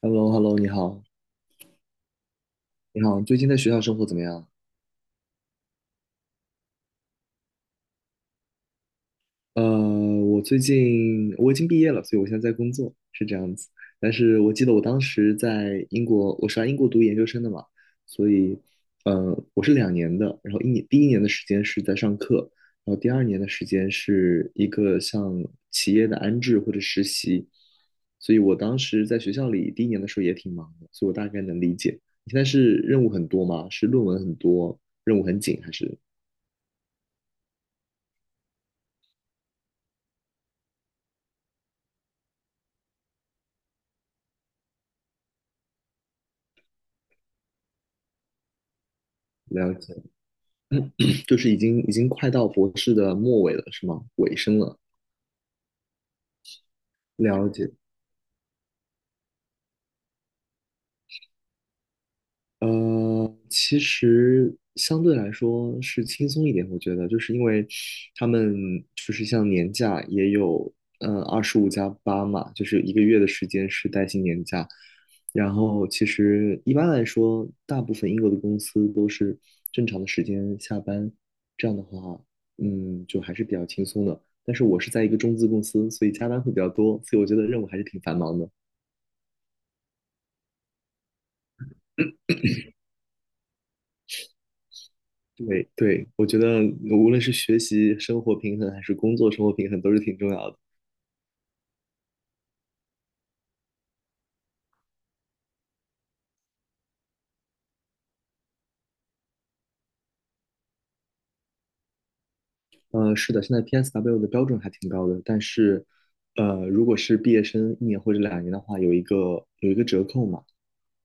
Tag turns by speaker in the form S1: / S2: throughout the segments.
S1: h e l l o hello 你好，你好，最近在学校生活怎么样？呃，我最近我已经毕业了，所以我现在在工作，是这样子。但是我记得我当时在英国，我是来英国读研究生的嘛，所以，我是两年的，然后第一年的时间是在上课，然后第二年的时间是一个像企业的安置或者实习，所以我当时在学校里第一年的时候也挺忙的，所以我大概能理解。你现在是任务很多吗？是论文很多，任务很紧还是？了解，就是已经快到博士的末尾了，是吗？尾声了，了解。其实相对来说是轻松一点，我觉得，就是因为他们就是像年假也有，25加8嘛，就是1个月的时间是带薪年假。然后其实一般来说，大部分英国的公司都是正常的时间下班，这样的话，就还是比较轻松的。但是我是在一个中资公司，所以加班会比较多，所以我觉得任务还是挺繁忙的。对对，我觉得无论是学习生活平衡，还是工作生活平衡，都是挺重要的。是的，现在 PSW 的标准还挺高的，但是，如果是毕业生一年或者两年的话，有一个折扣嘛，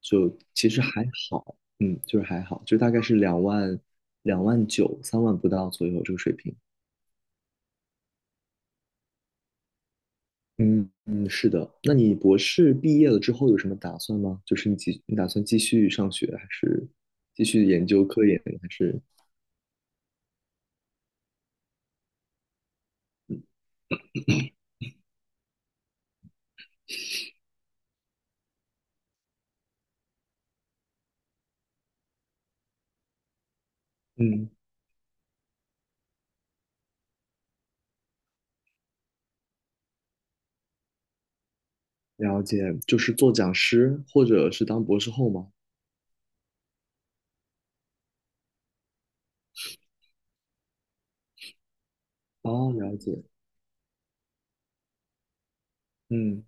S1: 就其实还好，就是还好，就大概是两万2万93万不到左右这个水平。嗯嗯，是的。那你博士毕业了之后有什么打算吗？就是你打算继续上学，还是继续研究科研，还是？嗯，了解，就是做讲师或者是当博士后吗？哦，了解，嗯，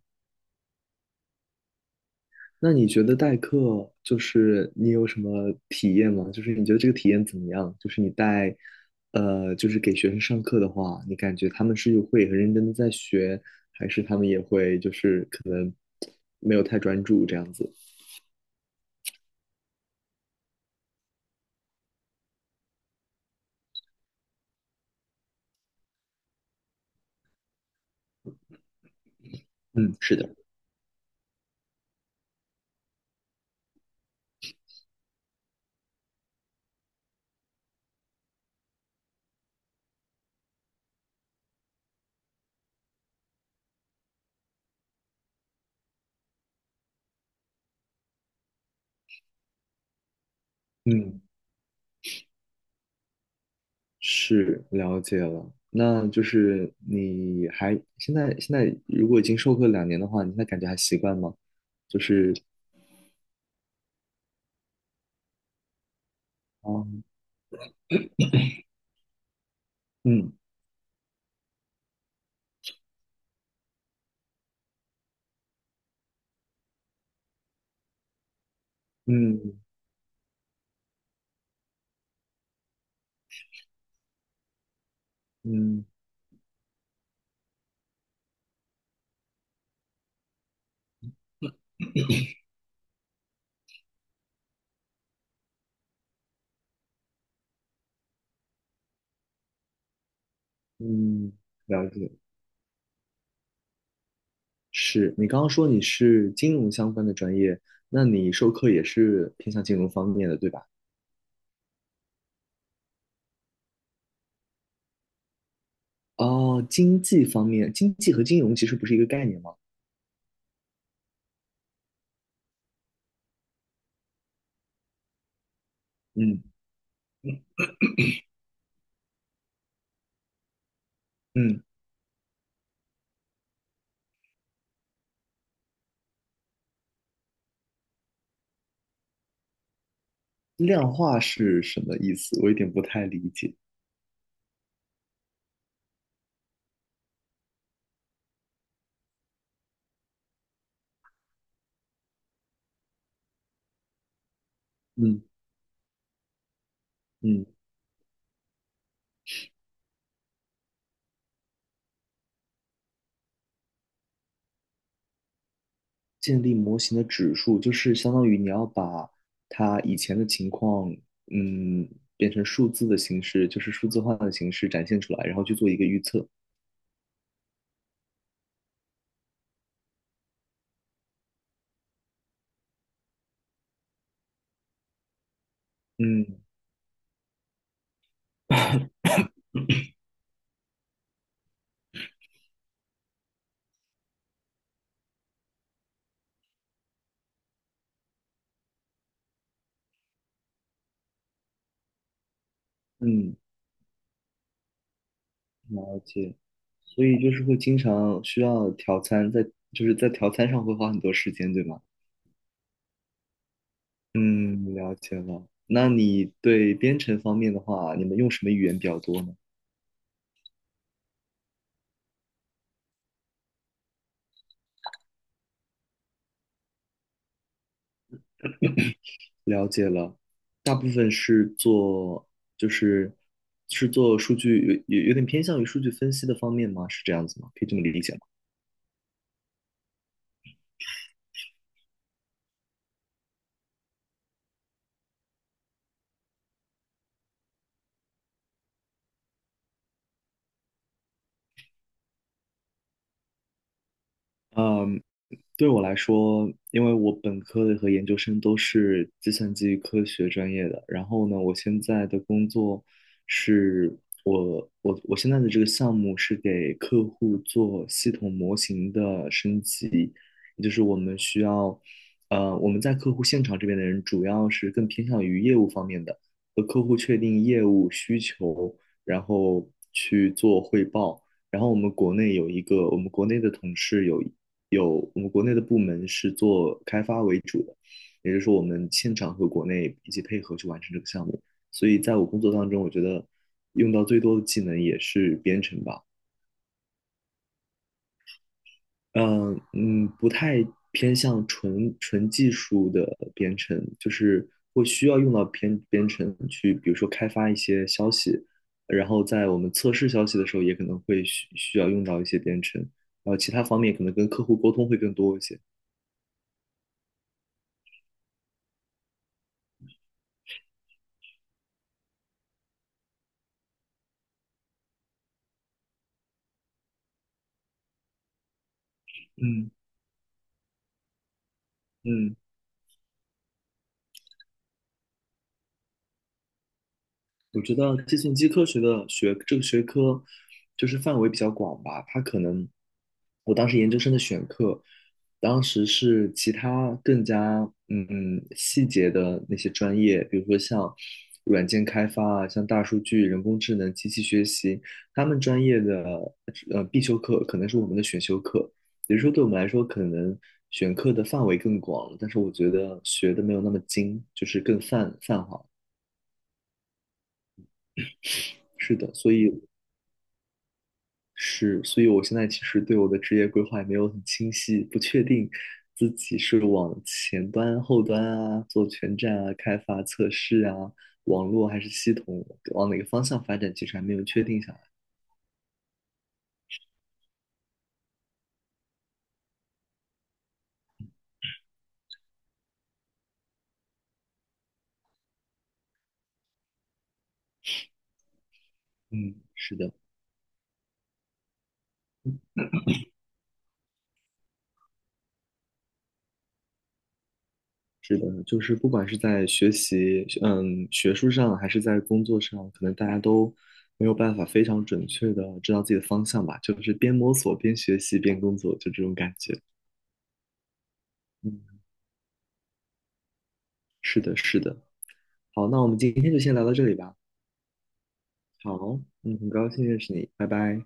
S1: 那你觉得代课就是你有什么体验吗？就是你觉得这个体验怎么样？就是你带，就是给学生上课的话，你感觉他们是会很认真的在学，还是他们也会就是可能没有太专注这样子？嗯，是的，嗯。是了解了，那就是你还现在如果已经授课两年的话，你现在感觉还习惯吗？就是哦，嗯嗯嗯嗯，了解。是你刚刚说你是金融相关的专业，那你授课也是偏向金融方面的，对吧？哦，经济方面，经济和金融其实不是一个概念吗？嗯嗯，量化是什么意思？我有点不太理解。嗯嗯，建立模型的指数，就是相当于你要把它以前的情况，嗯，变成数字的形式，就是数字化的形式展现出来，然后去做一个预测。嗯嗯，了解。所以就是会经常需要调参，就是在调参上会花很多时间，对吗？嗯，了解了。那你对编程方面的话，你们用什么语言比较多呢？了解了，大部分是做就是是做数据，有点偏向于数据分析的方面吗？是这样子吗？可以这么理解吗？嗯。对我来说，因为我本科的和研究生都是计算机科学专业的，然后呢，我现在的工作是我现在的这个项目是给客户做系统模型的升级，也就是我们需要，我们在客户现场这边的人主要是更偏向于业务方面的，和客户确定业务需求，然后去做汇报。然后我们国内有一个，我们国内的同事有我们国内的部门是做开发为主的，也就是说我们现场和国内一起配合去完成这个项目。所以在我工作当中，我觉得用到最多的技能也是编程吧。嗯嗯，不太偏向纯纯技术的编程，就是会需要用到编程去，比如说开发一些消息，然后在我们测试消息的时候，也可能会需要用到一些编程，然后其他方面可能跟客户沟通会更多一些。嗯嗯。我觉得计算机科学的学这个学科，就是范围比较广吧。它可能，我当时研究生的选课，当时是其他更加细节的那些专业，比如说像软件开发啊，像大数据、人工智能、机器学习，他们专业的必修课可能是我们的选修课，也就是说对我们来说可能选课的范围更广了但是我觉得学的没有那么精，就是更泛泛化。是的，所以我现在其实对我的职业规划也没有很清晰，不确定自己是往前端、后端啊，做全站啊、开发、测试啊、网络还是系统，往哪个方向发展，其实还没有确定下来。嗯，是的，是的，就是不管是在学习，学术上还是在工作上，可能大家都没有办法非常准确的知道自己的方向吧，就是边摸索边学习边工作，就这种感觉。嗯，是的，是的。好，那我们今天就先聊到这里吧。好，嗯，很高兴认识你，拜拜。